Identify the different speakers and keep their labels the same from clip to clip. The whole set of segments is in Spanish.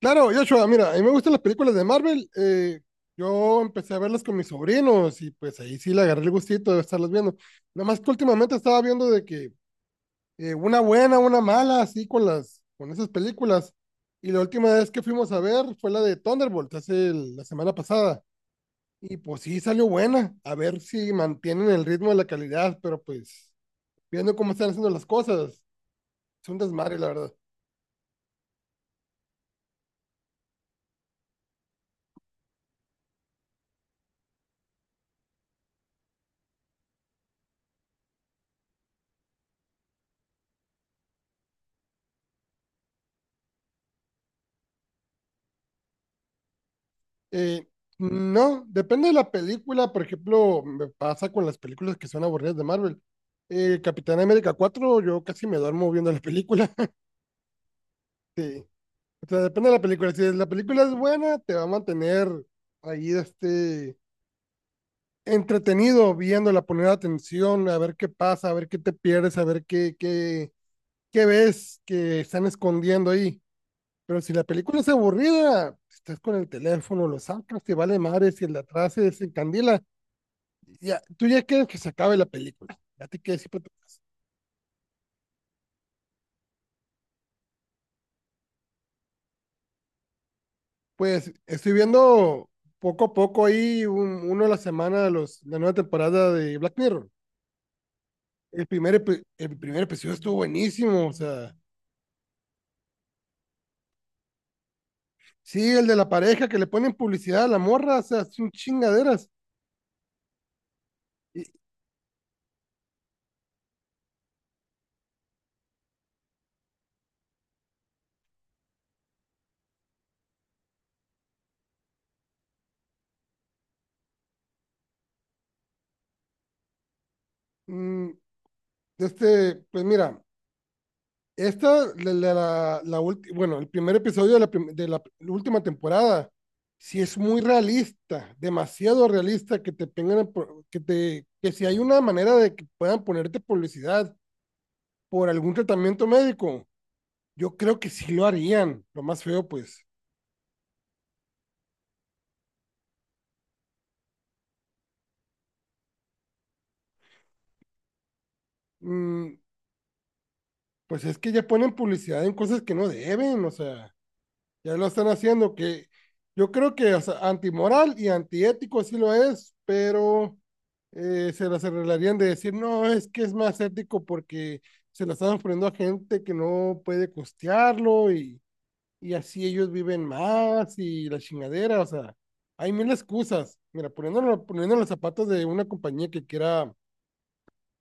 Speaker 1: Claro, Joshua, mira, a mí me gustan las películas de Marvel. Yo empecé a verlas con mis sobrinos y pues ahí sí le agarré el gustito de estarlas viendo. Nada más que últimamente estaba viendo de que una buena, una mala, así con las, con esas películas. Y la última vez que fuimos a ver fue la de Thunderbolt, hace la semana pasada. Y pues sí salió buena. A ver si mantienen el ritmo de la calidad, pero pues viendo cómo están haciendo las cosas, es un desmadre, la verdad. Eh, no, depende de la película. Por ejemplo, me pasa con las películas que son aburridas de Marvel. Capitán América 4 yo casi me duermo viendo la película. Sí. O sea, depende de la película. Si la película es buena, te va a mantener ahí este, entretenido viéndola, poner atención, a ver qué pasa, a ver qué te pierdes, a ver qué, qué ves que están escondiendo ahí. Pero si la película es aburrida, estás con el teléfono, lo sacas, te vale madre, si el de atrás se encandila ya, tú ya quieres que se acabe la película. Ya te quieres ir para tu casa. Pues estoy viendo poco a poco ahí uno a la semana de los, la nueva temporada de Black Mirror. El primer episodio estuvo buenísimo, o sea, sí, el de la pareja que le ponen publicidad a la morra, o sea, son chingaderas. Y, mm, este, pues mira, Esta, la, la, la la ulti- bueno, el primer episodio de la, de la última temporada, sí es muy realista, demasiado realista que te pongan, que te, que si hay una manera de que puedan ponerte publicidad por algún tratamiento médico, yo creo que sí lo harían. Lo más feo, pues, mm, pues es que ya ponen publicidad en cosas que no deben, o sea. Ya lo están haciendo, que yo creo que o sea, antimoral y antiético sí lo es, pero se las arreglarían de decir, no, es que es más ético porque se lo están ofreciendo a gente que no puede costearlo y así ellos viven más y la chingadera, o sea, hay mil excusas. Mira, poniéndolo, poniendo los zapatos de una compañía que quiera,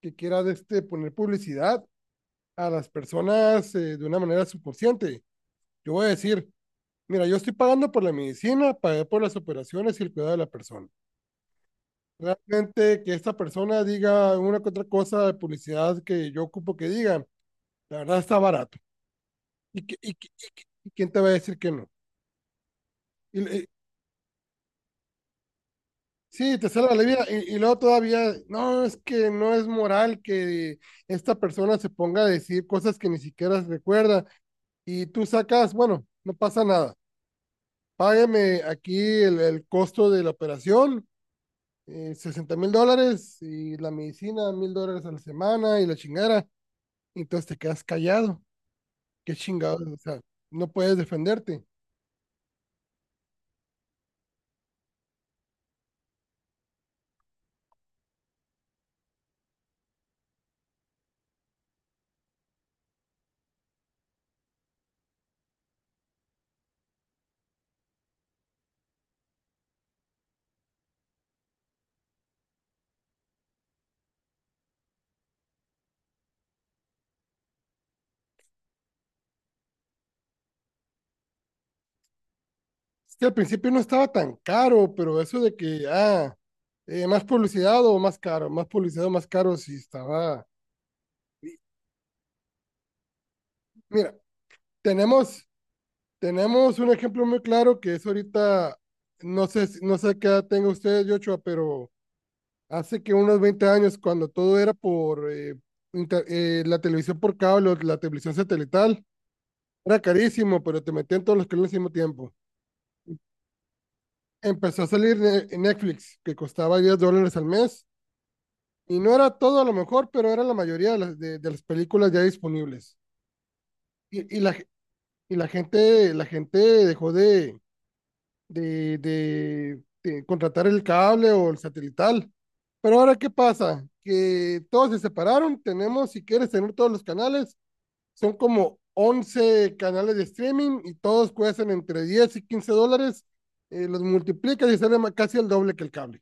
Speaker 1: que quiera de este, poner publicidad a las personas de una manera subconsciente. Yo voy a decir, mira, yo estoy pagando por la medicina, pagué por las operaciones y el cuidado de la persona. Realmente que esta persona diga una que otra cosa de publicidad que yo ocupo que diga, la verdad está barato. ¿Y quién te va a decir que no? Y, le- sí, te salva la vida. Y luego todavía, no, es que no es moral que esta persona se ponga a decir cosas que ni siquiera recuerda. Y tú sacas, bueno, no pasa nada. Págueme aquí el costo de la operación, 60 mil dólares y la medicina, $1,000 a la semana y la chingada. Entonces te quedas callado. Qué chingados, o sea, no puedes defenderte. Es que al principio no estaba tan caro, pero eso de que, ah, más publicidad o más caro, más publicidad o más caro, sí estaba. Mira, tenemos, tenemos un ejemplo muy claro que es ahorita, no sé, no sé qué edad tenga usted, Yochoa, pero hace que unos 20 años, cuando todo era por la televisión por cable, o la televisión satelital, era carísimo, pero te metían todos los canales al mismo tiempo. Empezó a salir Netflix, que costaba $10 al mes, y no era todo a lo mejor, pero era la mayoría de las, de las películas ya disponibles. Y, y la, ge- y la gente dejó de contratar el cable o el satelital. Pero ahora, ¿qué pasa? Que todos se separaron, tenemos, si quieres tener todos los canales, son como 11 canales de streaming y todos cuestan entre 10 y 15 dólares. Los multiplicas y sale casi el doble que el cable.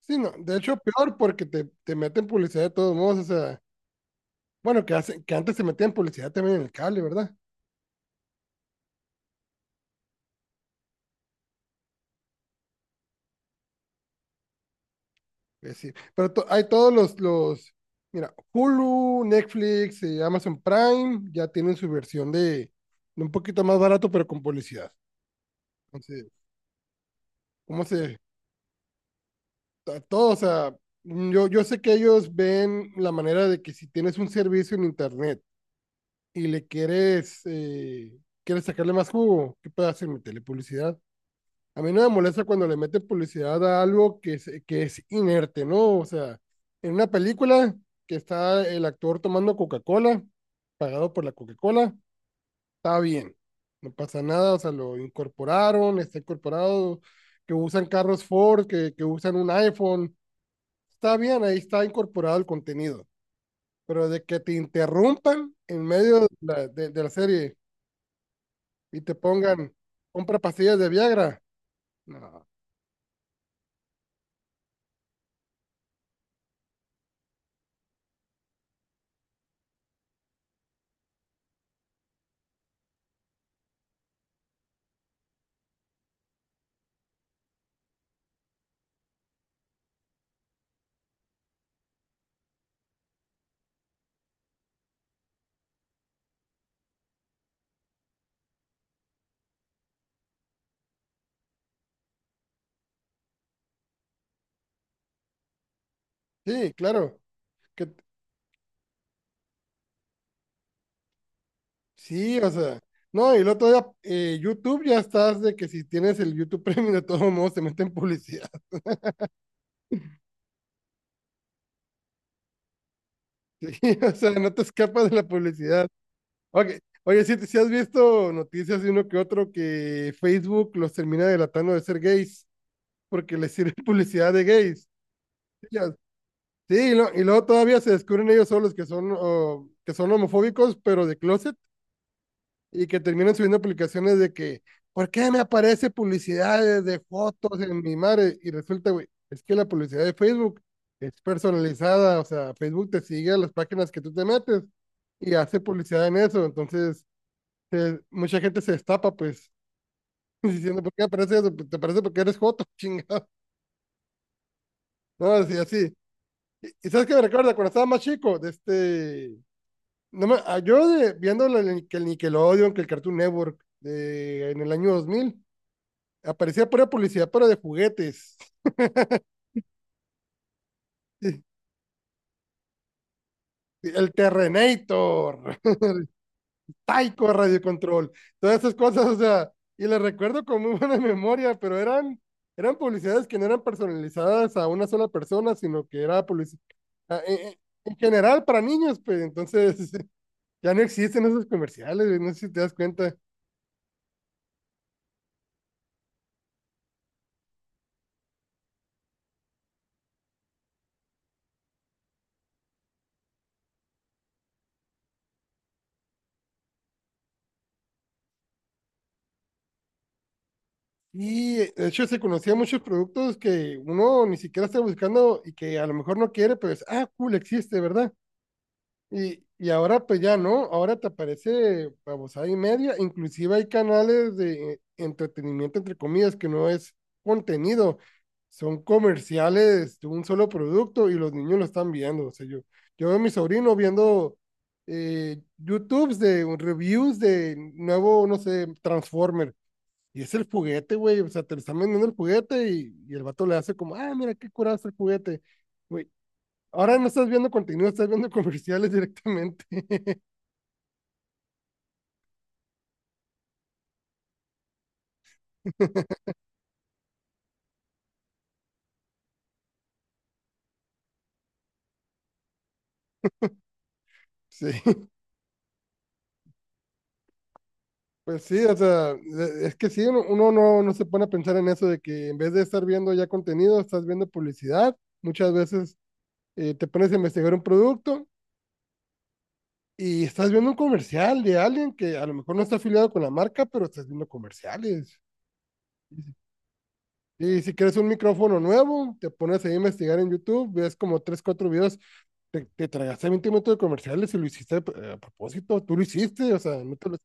Speaker 1: Sí, no, de hecho peor porque te meten publicidad de todos modos, o sea, bueno, que, hacen, que antes se metían publicidad también en el cable, ¿verdad? Es decir, pero hay todos los, mira, Hulu, Netflix, Amazon Prime ya tienen su versión de, un poquito más barato, pero con publicidad. Entonces, ¿cómo se, a todo, o sea, yo sé que ellos ven la manera de que si tienes un servicio en internet y quieres sacarle más jugo, ¿qué puedes hacer? Meterle publicidad. A mí no me molesta cuando le meten publicidad a algo que es inerte, ¿no? O sea, en una película que está el actor tomando Coca-Cola, pagado por la Coca-Cola, está bien, no pasa nada, o sea, lo incorporaron, está incorporado, que usan carros Ford, que usan un iPhone, está bien, ahí está incorporado el contenido, pero de que te interrumpan en medio de la, de la serie y te pongan, compra pastillas de Viagra. No. Sí, claro. Que, sí, o sea. No, y el otro día, YouTube ya estás de que si tienes el YouTube Premium, de todos modos te meten publicidad. Sí, o sea, no te escapas de la publicidad. Ok. Oye, si has visto noticias de uno que otro que Facebook los termina delatando de ser gays porque les sirve publicidad de gays. Ya. Sí, y luego todavía se descubren ellos solos que son, oh, que son homofóbicos, pero de closet, y que terminan subiendo publicaciones de que, ¿por qué me aparece publicidad de fotos en mi madre? Y resulta, güey, es que la publicidad de Facebook es personalizada, o sea, Facebook te sigue a las páginas que tú te metes y hace publicidad en eso, entonces mucha gente se destapa, pues, diciendo, ¿por qué aparece eso? Pues, te aparece porque eres joto, chingado. No, así, así. ¿Y sabes qué me recuerda? Cuando estaba más chico, de este No me- ah, viendo el Nickelodeon, que el Cartoon Network, de, en el año 2000 aparecía pura publicidad, pero de juguetes. El Terrenator, Taiko Radio Control, todas esas cosas, o sea, y las recuerdo con muy buena memoria, pero eran publicidades que no eran personalizadas a una sola persona, sino que era publicidad en general para niños, pues entonces ya no existen esos comerciales, güey, no sé si te das cuenta. Y de hecho se conocía muchos productos que uno ni siquiera está buscando y que a lo mejor no quiere, pero es, ah, cool, existe, ¿verdad? Y ahora pues ya no, ahora te aparece babosada y media, inclusive hay canales de entretenimiento, entre comillas, que no es contenido, son comerciales de un solo producto y los niños lo están viendo, o sea, yo veo a mi sobrino viendo YouTubes de reviews de nuevo, no sé, Transformer y es el juguete, güey. O sea, te lo están vendiendo el juguete y el vato le hace como, ah, mira, qué curado es el juguete. Güey, ahora no estás viendo contenido, estás viendo comerciales directamente. Sí, pues sí, o sea, es que sí, uno no se pone a pensar en eso de que en vez de estar viendo ya contenido, estás viendo publicidad. Muchas veces te pones a investigar un producto y estás viendo un comercial de alguien que a lo mejor no está afiliado con la marca, pero estás viendo comerciales. Y si quieres un micrófono nuevo, te pones ahí a investigar en YouTube, ves como tres, cuatro videos, te tragaste 20 minutos de comerciales y lo hiciste, a propósito, tú lo hiciste, o sea, no te lo-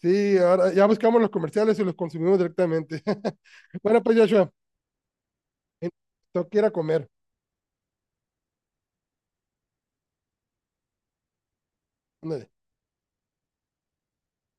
Speaker 1: Sí, ahora ya buscamos los comerciales y los consumimos directamente. Bueno, pues Joshua, eh, tengo que ir a comer. Ándale.